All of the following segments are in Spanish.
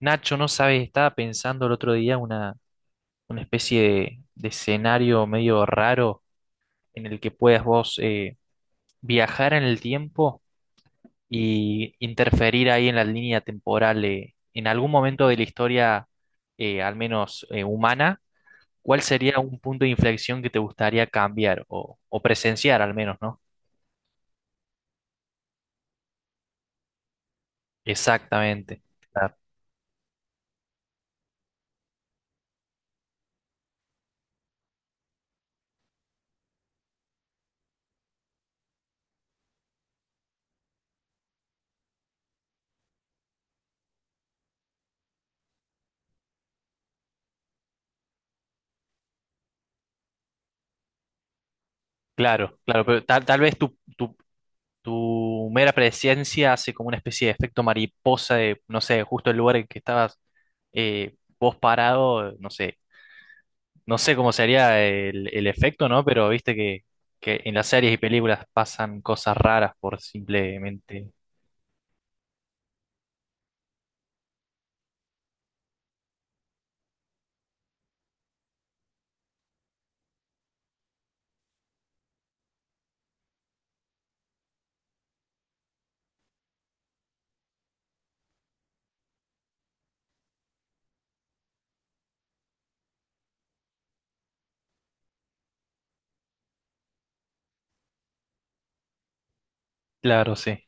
Nacho, no sabes, estaba pensando el otro día una especie de escenario medio raro en el que puedas vos viajar en el tiempo y interferir ahí en la línea temporal. En algún momento de la historia, al menos humana, ¿cuál sería un punto de inflexión que te gustaría cambiar o presenciar al menos, ¿no? Exactamente. Claro, claro, claro, pero tal vez tu mera presencia hace como una especie de efecto mariposa de, no sé, justo el lugar en que estabas vos parado, no sé, no sé cómo sería el efecto, ¿no? Pero viste que en las series y películas pasan cosas raras por simplemente. Claro, sí.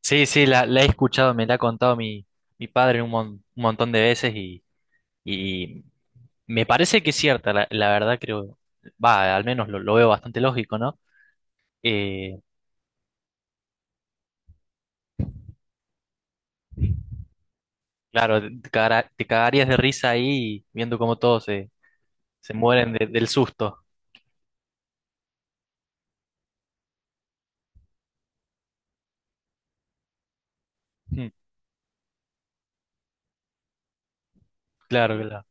Sí, sí, la he escuchado, me la ha contado mi padre un, un montón de veces y me parece que es cierta, la verdad creo, va, al menos lo veo bastante lógico, ¿no? Eh, Claro, te cagarías de risa ahí viendo cómo todos se mueren del susto. Mm. Claro, claro.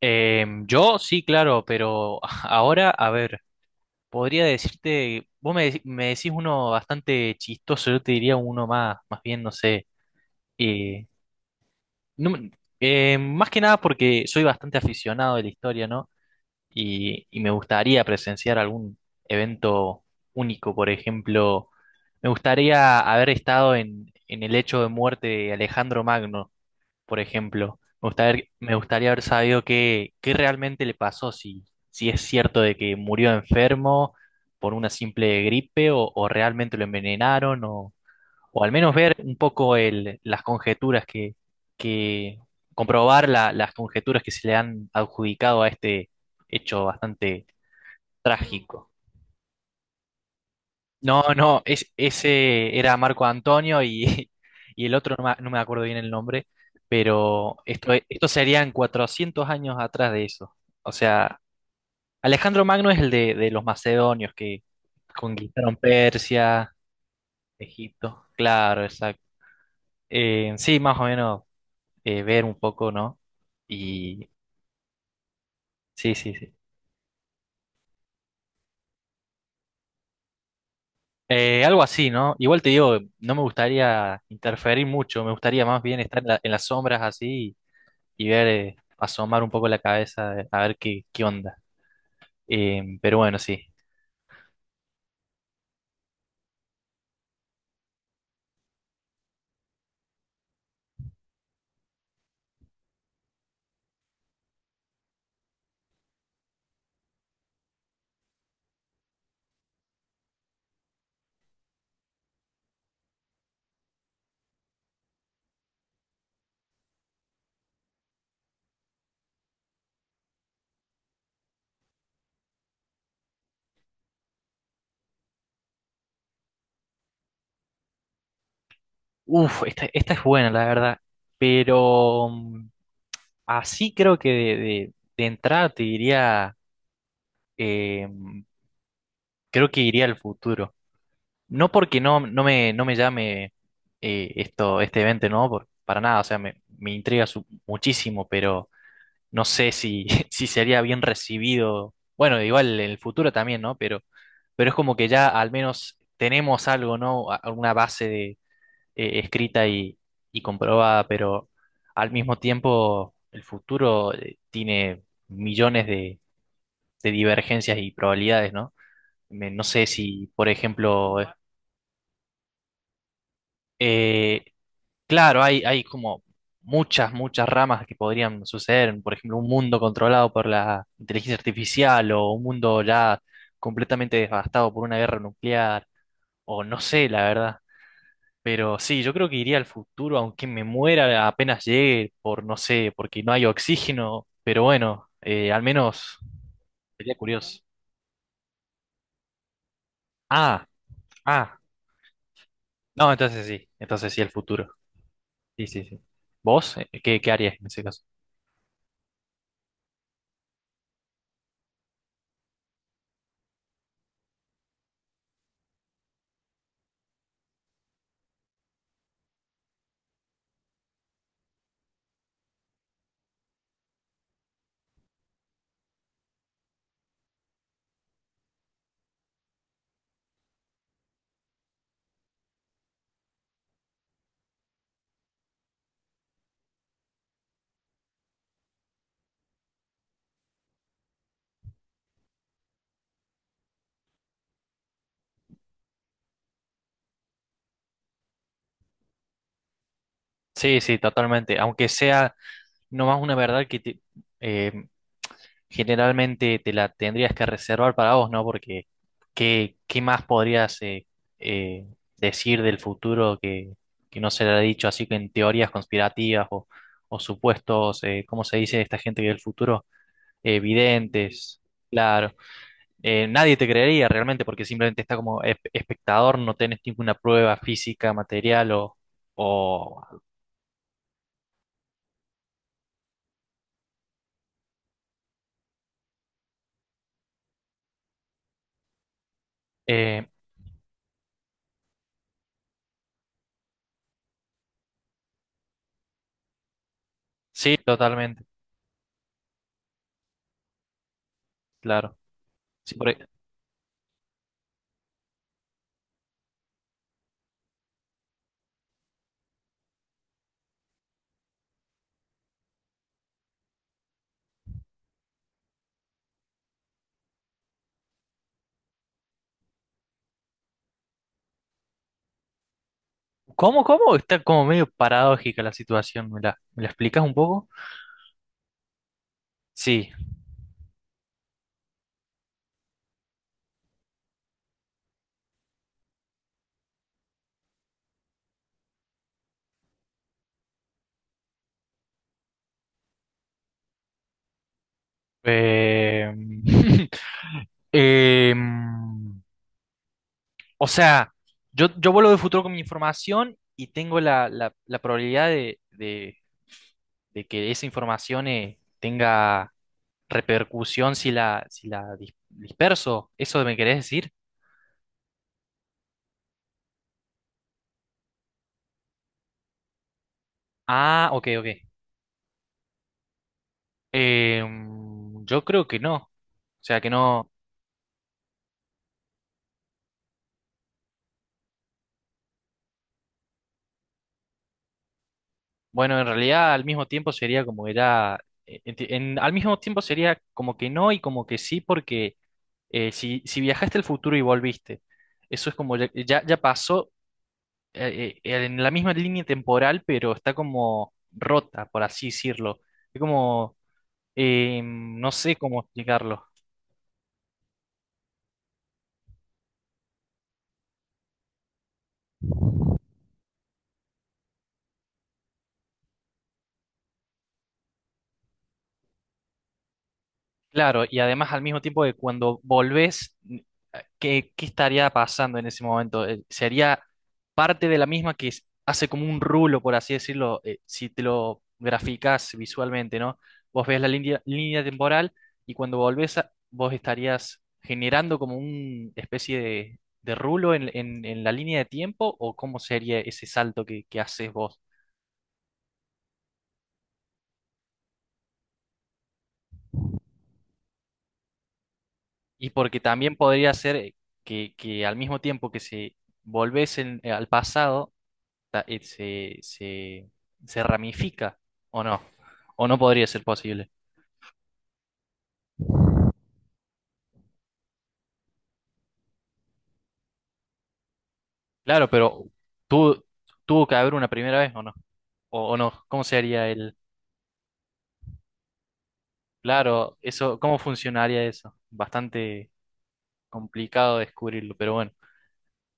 Yo sí, claro, pero ahora, a ver, podría decirte, vos me, me decís uno bastante chistoso, yo te diría uno más, más bien, no sé. eh, no me- Más que nada porque soy bastante aficionado de la historia, ¿no? Y, y me gustaría presenciar algún evento único, por ejemplo, me gustaría haber estado en el hecho de muerte de Alejandro Magno, por ejemplo. Me gustaría haber sabido qué, qué realmente le pasó, si, si es cierto de que murió enfermo por una simple gripe o realmente lo envenenaron o al menos ver un poco las conjeturas que comprobar las conjeturas que se le han adjudicado a este hecho bastante trágico. No, no, ese era Marco Antonio y, y el otro no me, no me acuerdo bien el nombre, pero esto serían 400 años atrás de eso. O sea, Alejandro Magno es el de los macedonios que conquistaron Persia, Egipto, claro, exacto. Sí, más o menos ver un poco, ¿no? Y sí, sí, sí. Algo así, ¿no? Igual te digo, no me gustaría interferir mucho, me gustaría más bien estar en en las sombras así y ver, asomar un poco la cabeza, a ver qué, qué onda. Pero bueno, sí. Uf, esta es buena, la verdad. Pero mm, así creo que de, de entrada te diría, eh, creo que iría al futuro. No porque no, no me, no me llame esto, este evento, no, para nada, o sea, me intriga muchísimo, pero no sé si, si sería bien recibido. Bueno, igual en el futuro también, ¿no? Pero es como que ya al menos tenemos algo, ¿no? Alguna base de, escrita y comprobada, pero al mismo tiempo el futuro tiene millones de divergencias y probabilidades, ¿no? No sé si, por ejemplo. eh, Claro, hay como muchas, muchas ramas que podrían suceder. Por ejemplo, un mundo controlado por la inteligencia artificial o un mundo ya completamente devastado por una guerra nuclear o no sé, la verdad. Pero sí, yo creo que iría al futuro, aunque me muera apenas llegue por, no sé, porque no hay oxígeno. Pero bueno, al menos sería curioso. Ah, ah. No, entonces sí, el futuro. Sí, sí, sí. ¿Vos? ¿Qué, qué harías en ese caso? Sí, sí, totalmente. Aunque sea no más una verdad eh, generalmente te la tendrías que reservar para vos, ¿no? Porque ¿qué, qué más podrías eh, decir del futuro que no se le ha dicho así que en teorías conspirativas o supuestos, ¿cómo se dice esta gente que del futuro? Videntes, claro. Nadie te creería realmente porque simplemente está como espectador, no tenés ninguna prueba física, material o eh, sí, totalmente, claro. Sí, ¿cómo, cómo? Está como medio paradójica la situación. ¿Me me la explicas un poco? Sí. Eh, em, o sea, yo vuelvo de futuro con mi información y tengo la probabilidad de que esa información tenga repercusión si si la disperso. ¿Eso me querés decir? Ah, ok, ok. Em, yo creo que no. O sea, que no. Bueno, en realidad al mismo tiempo sería como era, al mismo tiempo sería como que no y como que sí, porque si, si viajaste al futuro y volviste, eso es como ya, ya, ya pasó en la misma línea temporal, pero está como rota, por así decirlo. Es como, no sé cómo explicarlo. Claro, y además al mismo tiempo que cuando volvés, ¿qué, qué estaría pasando en ese momento? ¿Sería parte de la misma que hace como un rulo, por así decirlo, si te lo graficás visualmente, ¿no? Vos ves línea temporal y cuando volvés, vos estarías generando como una especie de rulo en, en la línea de tiempo, ¿o cómo sería ese salto que haces vos? Y porque también podría ser que al mismo tiempo que se al pasado, ta- eh, se, se, se ramifica, ¿o no? ¿O no podría ser posible? Claro, pero tu- tuvo que haber una primera vez, ¿o no? O no? ¿Cómo se haría el? Claro, eso, ¿cómo funcionaría eso? Bastante complicado descubrirlo, pero bueno.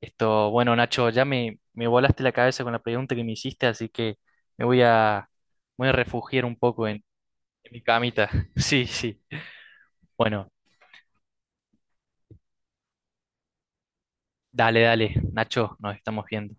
Esto, bueno, Nacho, ya me volaste la cabeza con la pregunta que me hiciste, así que me voy a, voy a refugiar un poco en mi camita. Sí, sí. Bueno, dale, dale, Nacho, nos estamos viendo.